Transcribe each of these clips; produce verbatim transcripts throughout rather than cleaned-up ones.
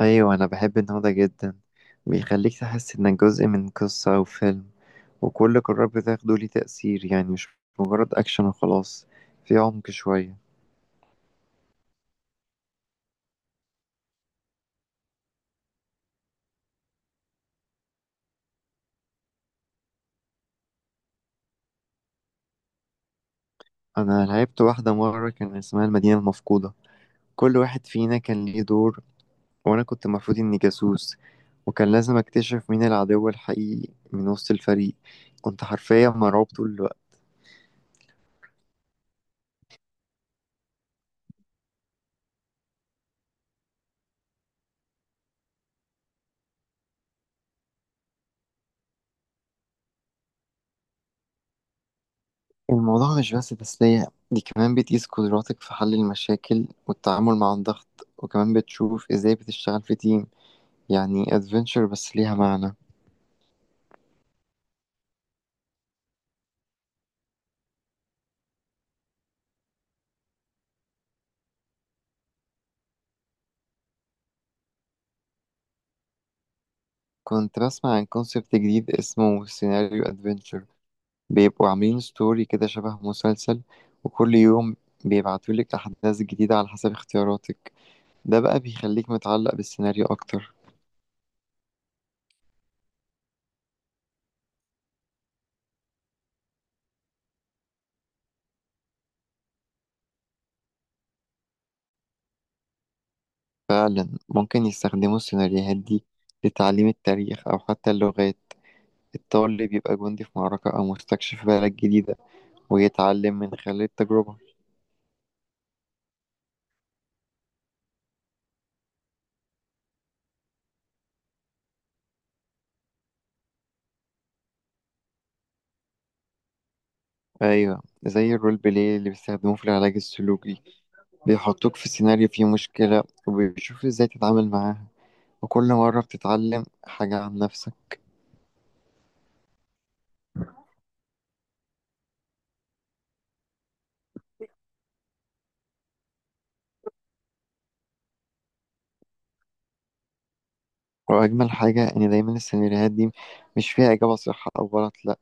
ايوه، انا بحب النوع ده جدا. بيخليك تحس انك جزء من قصة او فيلم، وكل قرار بتاخده ليه تأثير، يعني مش مجرد اكشن وخلاص، في عمق شوية. انا لعبت واحدة مرة كان اسمها المدينة المفقودة، كل واحد فينا كان ليه دور، وانا كنت المفروض اني جاسوس، وكان لازم اكتشف مين العدو الحقيقي من وسط الفريق. كنت حرفيا مرعوب طول الوقت. الموضوع مش بس تسلية، دي كمان بتقيس قدراتك في حل المشاكل والتعامل مع الضغط، وكمان بتشوف ازاي بتشتغل في تيم. يعني ادفنتشر بس ليها معنى. كنت بسمع عن كونسبت جديد اسمه سيناريو ادفنتشر، بيبقوا عاملين ستوري كده شبه مسلسل، وكل يوم بيبعتولك أحداث جديدة على حسب اختياراتك. ده بقى بيخليك متعلق بالسيناريو أكتر. فعلا ممكن يستخدموا السيناريوهات دي لتعليم التاريخ أو حتى اللغات، الطالب بيبقى جندي في معركة أو مستكشف في بلد جديدة، ويتعلم من خلال التجربة. أيوة، زي الرول بلاي اللي بيستخدموه في العلاج السلوكي، بيحطوك في سيناريو فيه مشكلة وبيشوف إزاي تتعامل معاها، وكل مرة بتتعلم حاجة عن نفسك. وأجمل حاجة إن دايما السيناريوهات دي مش فيها إجابة صح أو غلط، لأ،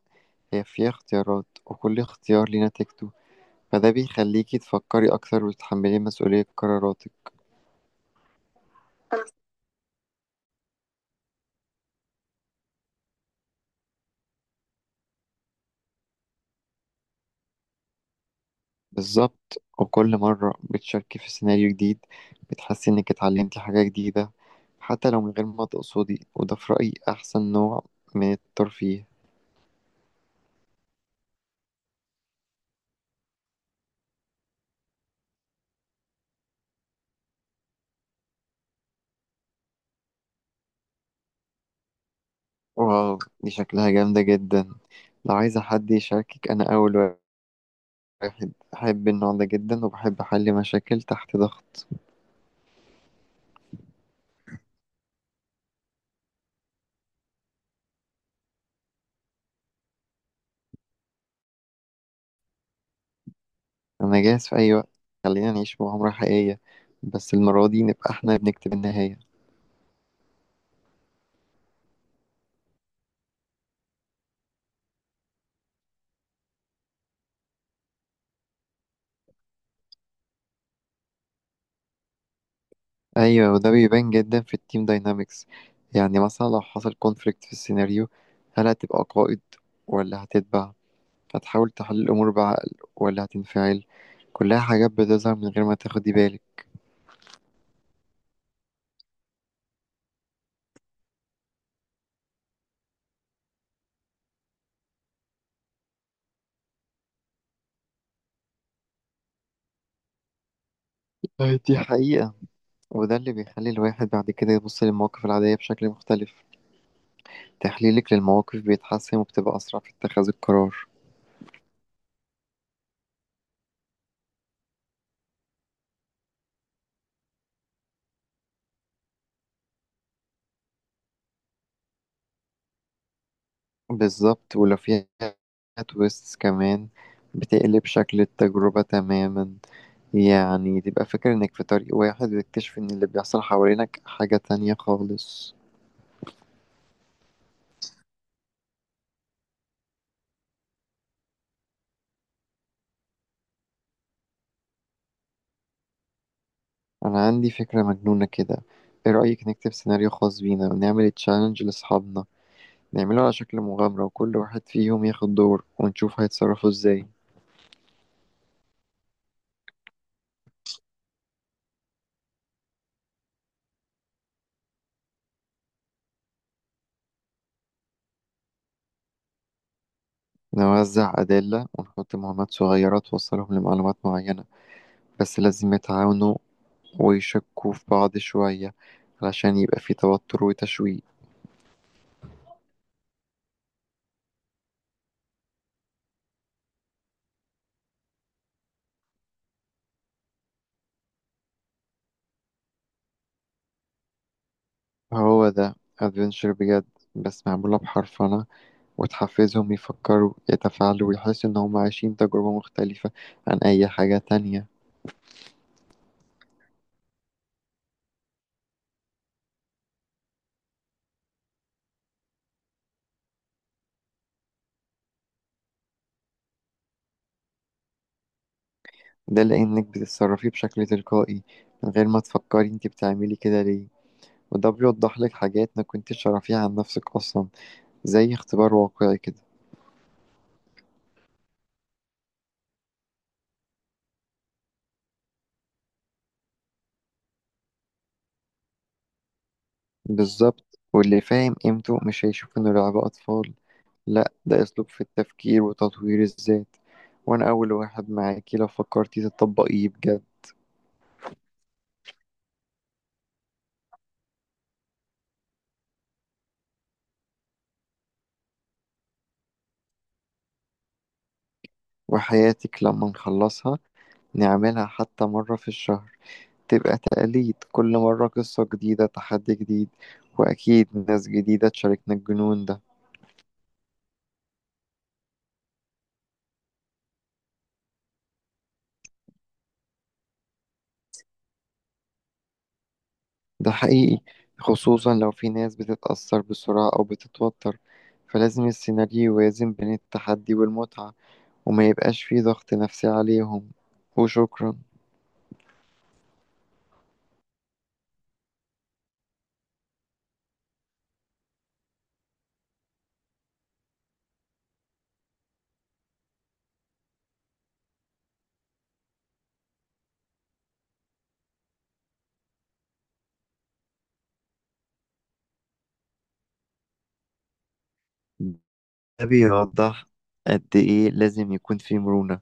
هي فيها اختيارات وكل اختيار ليه نتيجته، فده بيخليكي تفكري أكتر وتتحملي مسؤولية قراراتك. بالظبط، وكل مرة بتشاركي في سيناريو جديد بتحسي إنك اتعلمتي حاجة جديدة، حتى لو من غير ما تقصدي، وده في رأيي أحسن نوع من الترفيه. واو، دي شكلها جامدة جدا. لو عايزة حد يشاركك، أنا أول واحد بحب النوع ده جدا وبحب أحل مشاكل تحت ضغط. أنا جاهز في أي وقت، خلينا نعيش مغامرة حقيقية، بس المرة دي نبقى احنا بنكتب النهاية. ايوه، وده بيبان جدا في التيم داينامكس. يعني مثلا لو حصل كونفليكت في السيناريو، هل هتبقى قائد ولا هتتبع؟ هتحاول تحل الامور بعقل ولا هتنفعل؟ كلها حاجات بتظهر من غير ما تاخدي بالك. آه، دي حقيقة. وده اللي بيخلي الواحد بعد كده يبص للمواقف العادية بشكل مختلف، تحليلك للمواقف بيتحسن وبتبقى أسرع في اتخاذ القرار. بالظبط، ولو فيها تويستس كمان بتقلب شكل التجربة تماما، يعني تبقى فاكر انك في طريق واحد وتكتشف ان اللي بيحصل حوالينك حاجة تانية خالص. انا عندي فكرة مجنونة كده، ايه رأيك نكتب سيناريو خاص بينا ونعمل تشالنج لاصحابنا؟ نعمله على شكل مغامرة وكل واحد فيهم ياخد دور، ونشوف هيتصرفوا ازاي. نوزع أدلة ونحط مهمات صغيرة توصلهم لمعلومات معينة، بس لازم يتعاونوا ويشكوا في بعض شوية، علشان يبقى في توتر وتشويق. هو ده أدفنشر بجد، بس معمولة بحرفنة، وتحفزهم يفكروا يتفاعلوا ويحسوا إن هم عايشين تجربة مختلفة عن أي حاجة تانية. ده لأنك بتتصرفي بشكل تلقائي من غير ما تفكري انت بتعملي كده ليه، وده بيوضح لك حاجات ما كنتش تعرفيها عن نفسك أصلا، زي اختبار واقعي كده. بالظبط، واللي فاهم قيمته مش هيشوف إنه لعبة أطفال، لأ، ده أسلوب في التفكير وتطوير الذات، وأنا أول واحد معاكي لو فكرتي تطبقيه بجد. وحياتك لما نخلصها نعملها حتى مرة في الشهر، تبقى تقاليد، كل مرة قصة جديدة، تحدي جديد، وأكيد ناس جديدة تشاركنا الجنون ده. ده حقيقي، خصوصا لو في ناس بتتأثر بسرعة أو بتتوتر، فلازم السيناريو يوازن بين التحدي والمتعة، وما يبقاش فيه ضغط نفسي عليهم. وشكرا. ده بيوضح قد إيه لازم يكون في مرونة،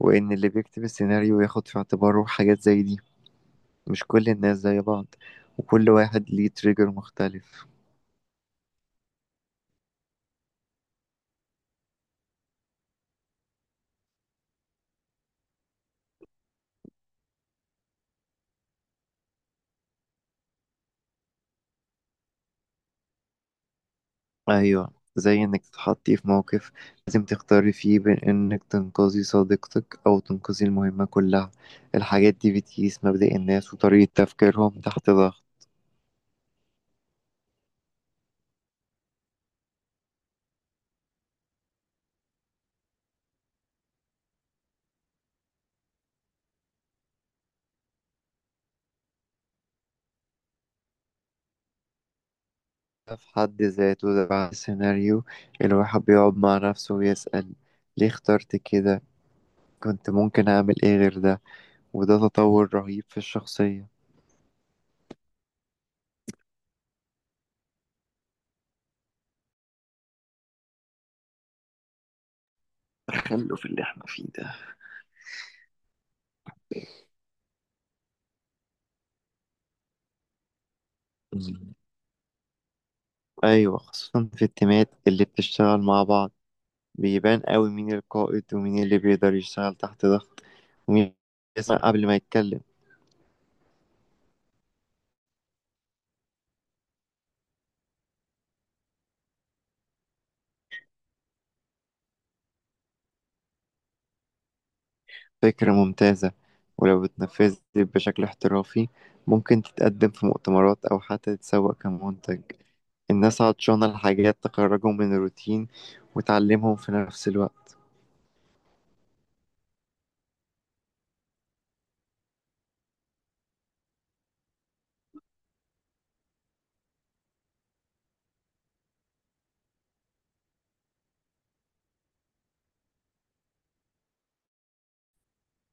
وإن اللي بيكتب السيناريو ياخد في اعتباره حاجات زي دي، مش كل الناس زي بعض، وكل واحد ليه تريجر مختلف. أيوة، زي إنك تتحطي في موقف لازم تختاري فيه بين إنك تنقذي صديقتك أو تنقذي المهمة كلها، الحاجات دي بتقيس مبدأ الناس وطريقة تفكيرهم تحت ضغط. ده في حد ذاته، ده بعد السيناريو الواحد بيقعد مع نفسه ويسأل، ليه اخترت كده؟ كنت ممكن أعمل إيه غير ده؟ وده تطور رهيب في الشخصية. تخلف اللي احنا فيه ده. مم. أيوة، خصوصا في التيمات اللي بتشتغل مع بعض، بيبان قوي مين القائد، ومين اللي بيقدر يشتغل تحت ضغط، ومين يسمع قبل ما يتكلم. فكرة ممتازة، ولو اتنفذت بشكل احترافي، ممكن تتقدم في مؤتمرات أو حتى تتسوق كمنتج. الناس عطشانة لحاجات تخرجهم من الروتين وتعلمهم في نفس الوقت.